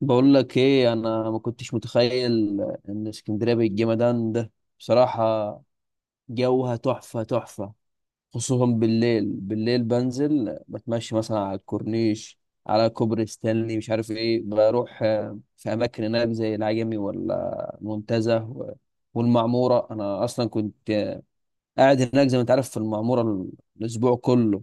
بقول لك ايه، انا ما كنتش متخيل ان اسكندريه بالجمدان ده، بصراحه. جوها تحفه تحفه. خصوصا بالليل، بالليل بنزل بتمشى مثلا على الكورنيش، على كوبري ستانلي، مش عارف ايه، بروح في اماكن هناك زي العجمي ولا المنتزه والمعموره. انا اصلا كنت قاعد هناك زي ما انت عارف في المعموره الاسبوع كله.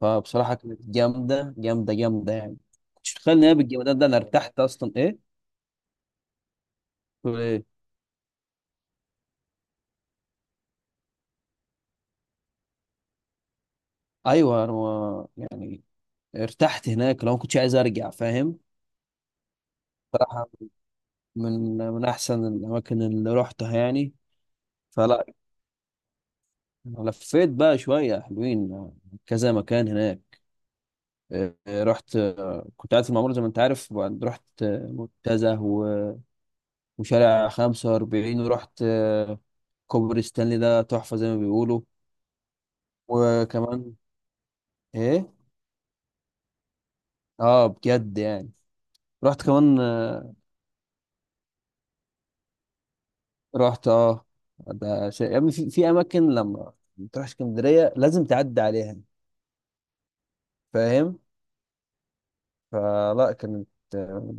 فبصراحه كانت جامده جامده جامده يعني. مش متخيل ان هي بالجمدان ده، انا ارتحت اصلا ايه. تقول إيه؟ ايوه، انا يعني ارتحت هناك، لو ما كنتش عايز ارجع فاهم. صراحه من احسن الاماكن اللي روحتها يعني. فلا، لفيت بقى شويه حلوين، كذا مكان هناك. اه، رحت، كنت قاعد في المعموره زي ما انت عارف، وبعد رحت منتزه وشارع 45، ورحت كوبري ستانلي ده تحفه زي ما بيقولوا. وكمان ايه، اه بجد يعني. رحت كمان رحت اه. ده شيء يا ابني، في اماكن لما بتروح اسكندريه لازم تعدي عليها فاهم. فلا كانت آه،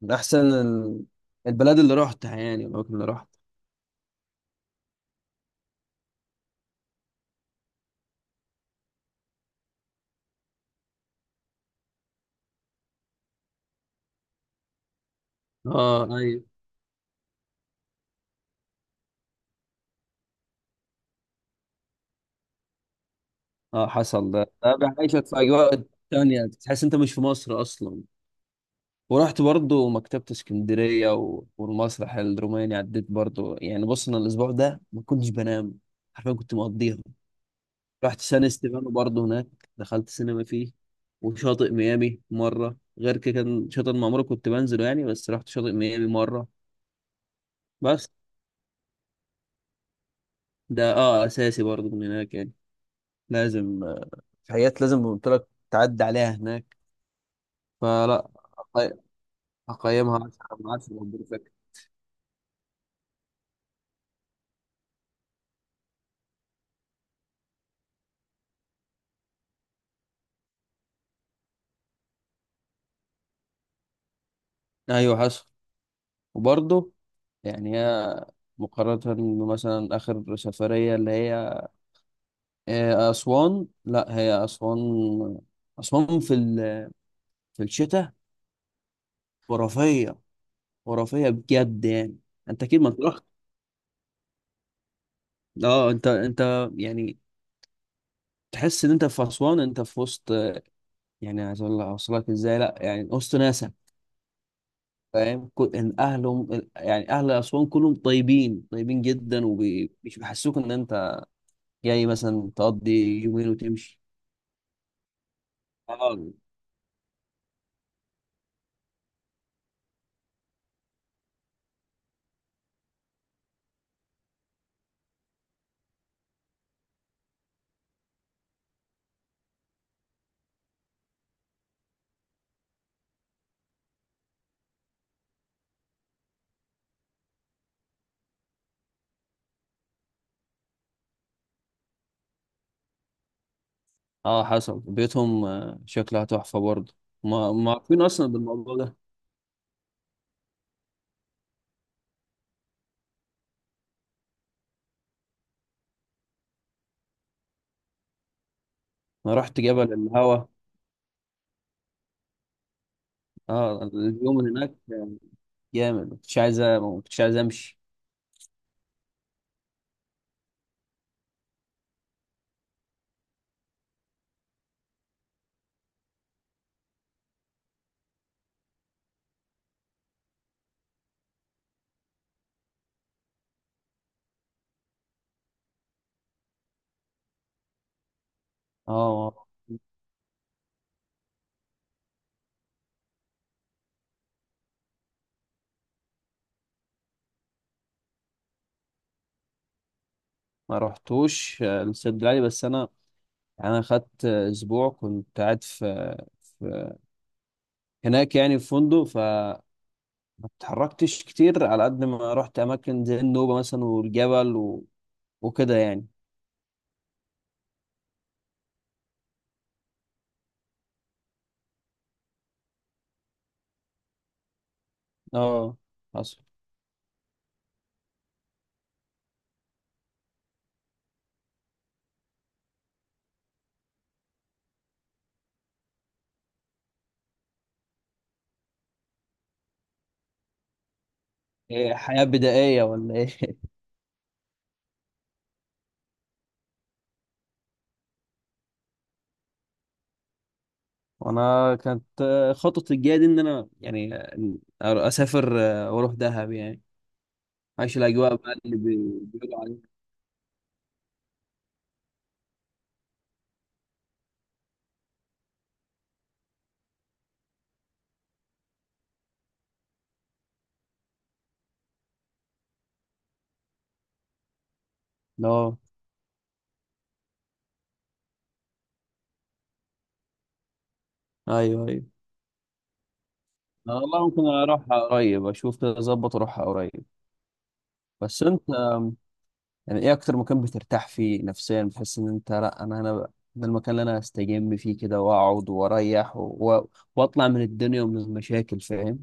من احسن البلاد اللي رحتها، يعني الاماكن اللي رحت. اه ايوه. اه حصل. ده بيعيشك في اجواء تانية، تحس انت مش في مصر اصلا. ورحت برضو مكتبة اسكندرية والمسرح الروماني، عديت برضو يعني. بص، انا الاسبوع ده ما كنتش بنام حرفيا، كنت مقضيها. رحت سان ستيفانو برضه هناك، دخلت سينما فيه. وشاطئ ميامي مرة، غير كده كان شاطئ ما عمري كنت بنزله يعني، بس رحت شاطئ ميامي مرة بس. ده اه اساسي برضه من هناك يعني. لازم، في حاجات لازم قلت لك تعدي عليها هناك. فلا، أقي- هقيمها 10 من 10 بريفكت. ايوه حصل. وبرضه يعني هي، مقارنة بمثلا آخر سفرية اللي هي أسوان، لا، هي أسوان. أسوان في في الشتاء خرافية، خرافية بجد يعني. انت اكيد ما تروح. اه، انت يعني تحس ان انت في اسوان، انت في وسط، يعني عايز اقول لك اوصلك ازاي، لا يعني وسط ناسا. فاهم، ان اهلهم، يعني اهل اسوان كلهم طيبين طيبين جدا، ومش بيحسوك ان انت جاي مثلا تقضي يومين وتمشي. اه. اه حصل، بيوتهم شكلها تحفة برضه. ما عارفين اصلا بالموضوع ده. انا رحت جبل الهوا. اه، اليوم اللي هناك جامد، ما كنتش عايز امشي. اه. ما رحتوش السد العالي، بس انا يعني انا خدت اسبوع كنت قاعد في هناك، يعني في فندق، فما اتحركتش كتير على قد ما رحت اماكن زي النوبه مثلا والجبل و... وكده يعني. اه حصل. إيه، حياه بدائيه ولا ايه؟ وانا كانت خطتي الجايه دي ان انا يعني اسافر واروح دهب يعني. عايش الاجواء بقى اللي بيقولوا عليها. اه ايوه ايوه. والله ممكن اروح قريب، اشوف كده اظبط واروح قريب. بس انت يعني ايه اكتر مكان بترتاح فيه نفسيا، بتحس ان انت، لا انا ده المكان اللي انا استجم فيه كده، واقعد واريح و... و- واطلع من الدنيا ومن المشاكل فاهم.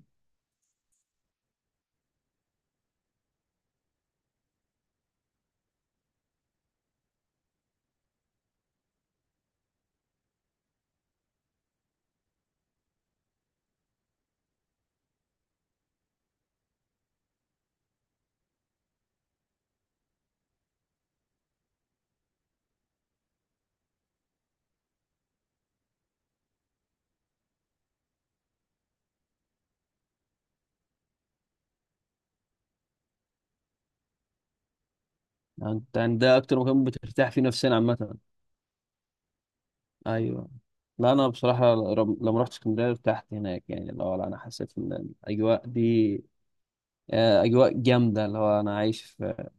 يعني انت يعني ده اكتر مكان بترتاح فيه نفسيا عامه؟ ايوه. لا انا بصراحه لما رحت اسكندريه ارتحت هناك، يعني اللي هو لا، انا حسيت ان الاجواء دي اجواء جامده، اللي هو انا عايش في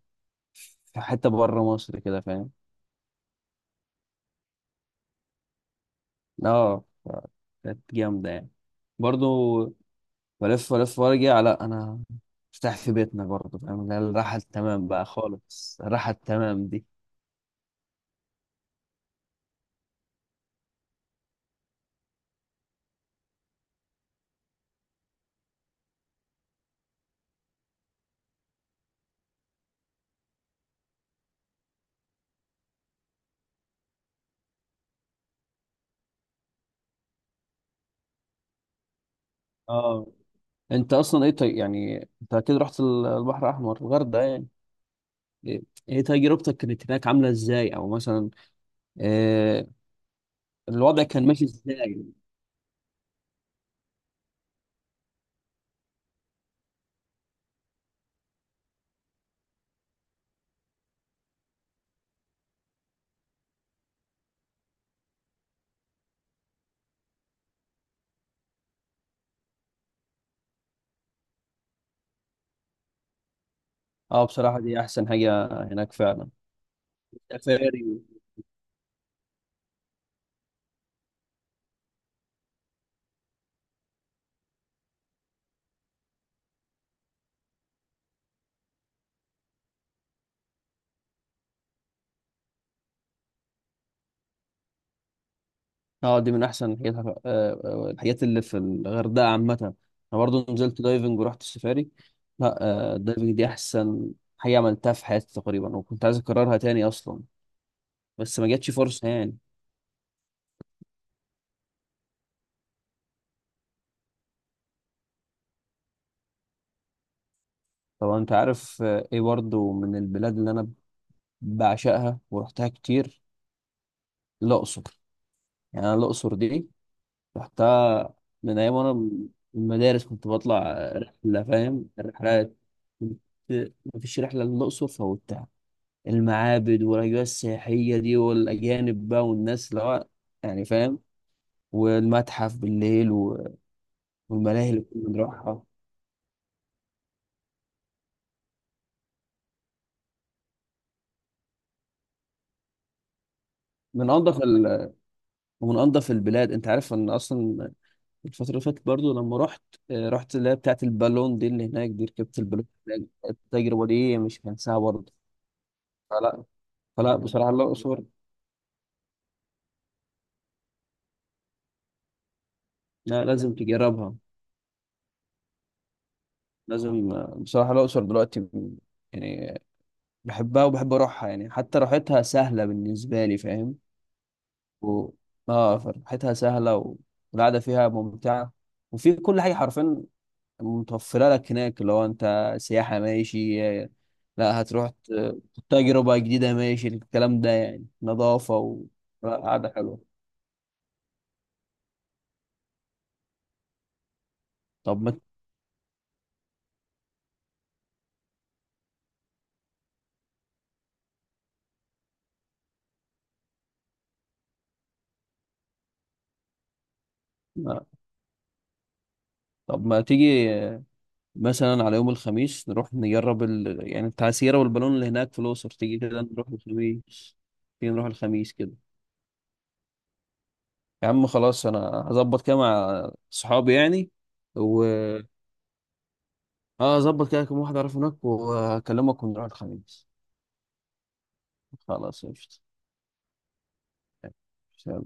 في حته بره مصر كده فاهم. اه كانت جامده يعني. برضو بلف بلف وارجع، لا انا ارتاح في بيتنا برضه فاهم، اللي هي الراحه التمام بقى خالص، الراحه التمام دي. اه. انت اصلا ايه يعني انت اكيد رحت البحر الاحمر الغردقه يعني، ايه، إيه تجربتك كانت هناك عامله ازاي، او مثلا إيه الوضع كان ماشي ازاي؟ اه، بصراحه دي احسن حاجه هناك فعلا، سفاري. اه، دي من احسن الحاجات، الحاجات اللي في الغردقه عامه. انا برضو نزلت دايفنج ورحت السفاري. لا، الدايفنج دي احسن حاجه عملتها في حياتي تقريبا، وكنت عايز اكررها تاني اصلا، بس ما جاتش فرصه يعني. طبعا انت عارف، ايه برضو من البلاد اللي انا بعشقها ورحتها كتير، الاقصر. يعني انا الاقصر دي رحتها من ايام، وانا من المدارس كنت بطلع رحله فاهم، الرحلات، كنت مفيش رحله للاقصر فوتها. المعابد والاجواء السياحيه دي، والاجانب بقى، والناس اللي هو يعني فاهم، والمتحف بالليل والملاهي اللي كنا بنروحها، من انضف ال... ومن انضف البلاد، انت عارف ان اصلا الفتره اللي فاتت برضو لما رحت، رحت اللي هي بتاعت البالون دي اللي هناك دي، ركبت البالون هناك. التجربه دي مش هنساها برضه. فلا فلا بصراحه الاقصر. لا، لازم تجربها، لازم، بصراحه الاقصر دلوقتي يعني بحبها وبحب اروحها يعني، حتى راحتها سهله بالنسبه لي فاهم. و... اه، فرحتها سهله والقعده فيها ممتعه، وفي كل حاجه حرفيا متوفره لك هناك. لو انت سياحه ماشي، لا هتروح تجربه جديده ماشي الكلام ده يعني، نظافه و... لا، قعده حلوه. طب ما، ما- طب ما تيجي مثلا على يوم الخميس نروح نجرب ال... يعني التعسيره والبالون اللي هناك في الاقصر، تيجي كده نروح الخميس؟ تيجي نروح الخميس كده. يا عم خلاص، انا هظبط كده مع صحابي يعني و، اه ظبط كده كم واحد اعرفه هناك، واكلمك ونروح الخميس. خلاص قشطة. سلام.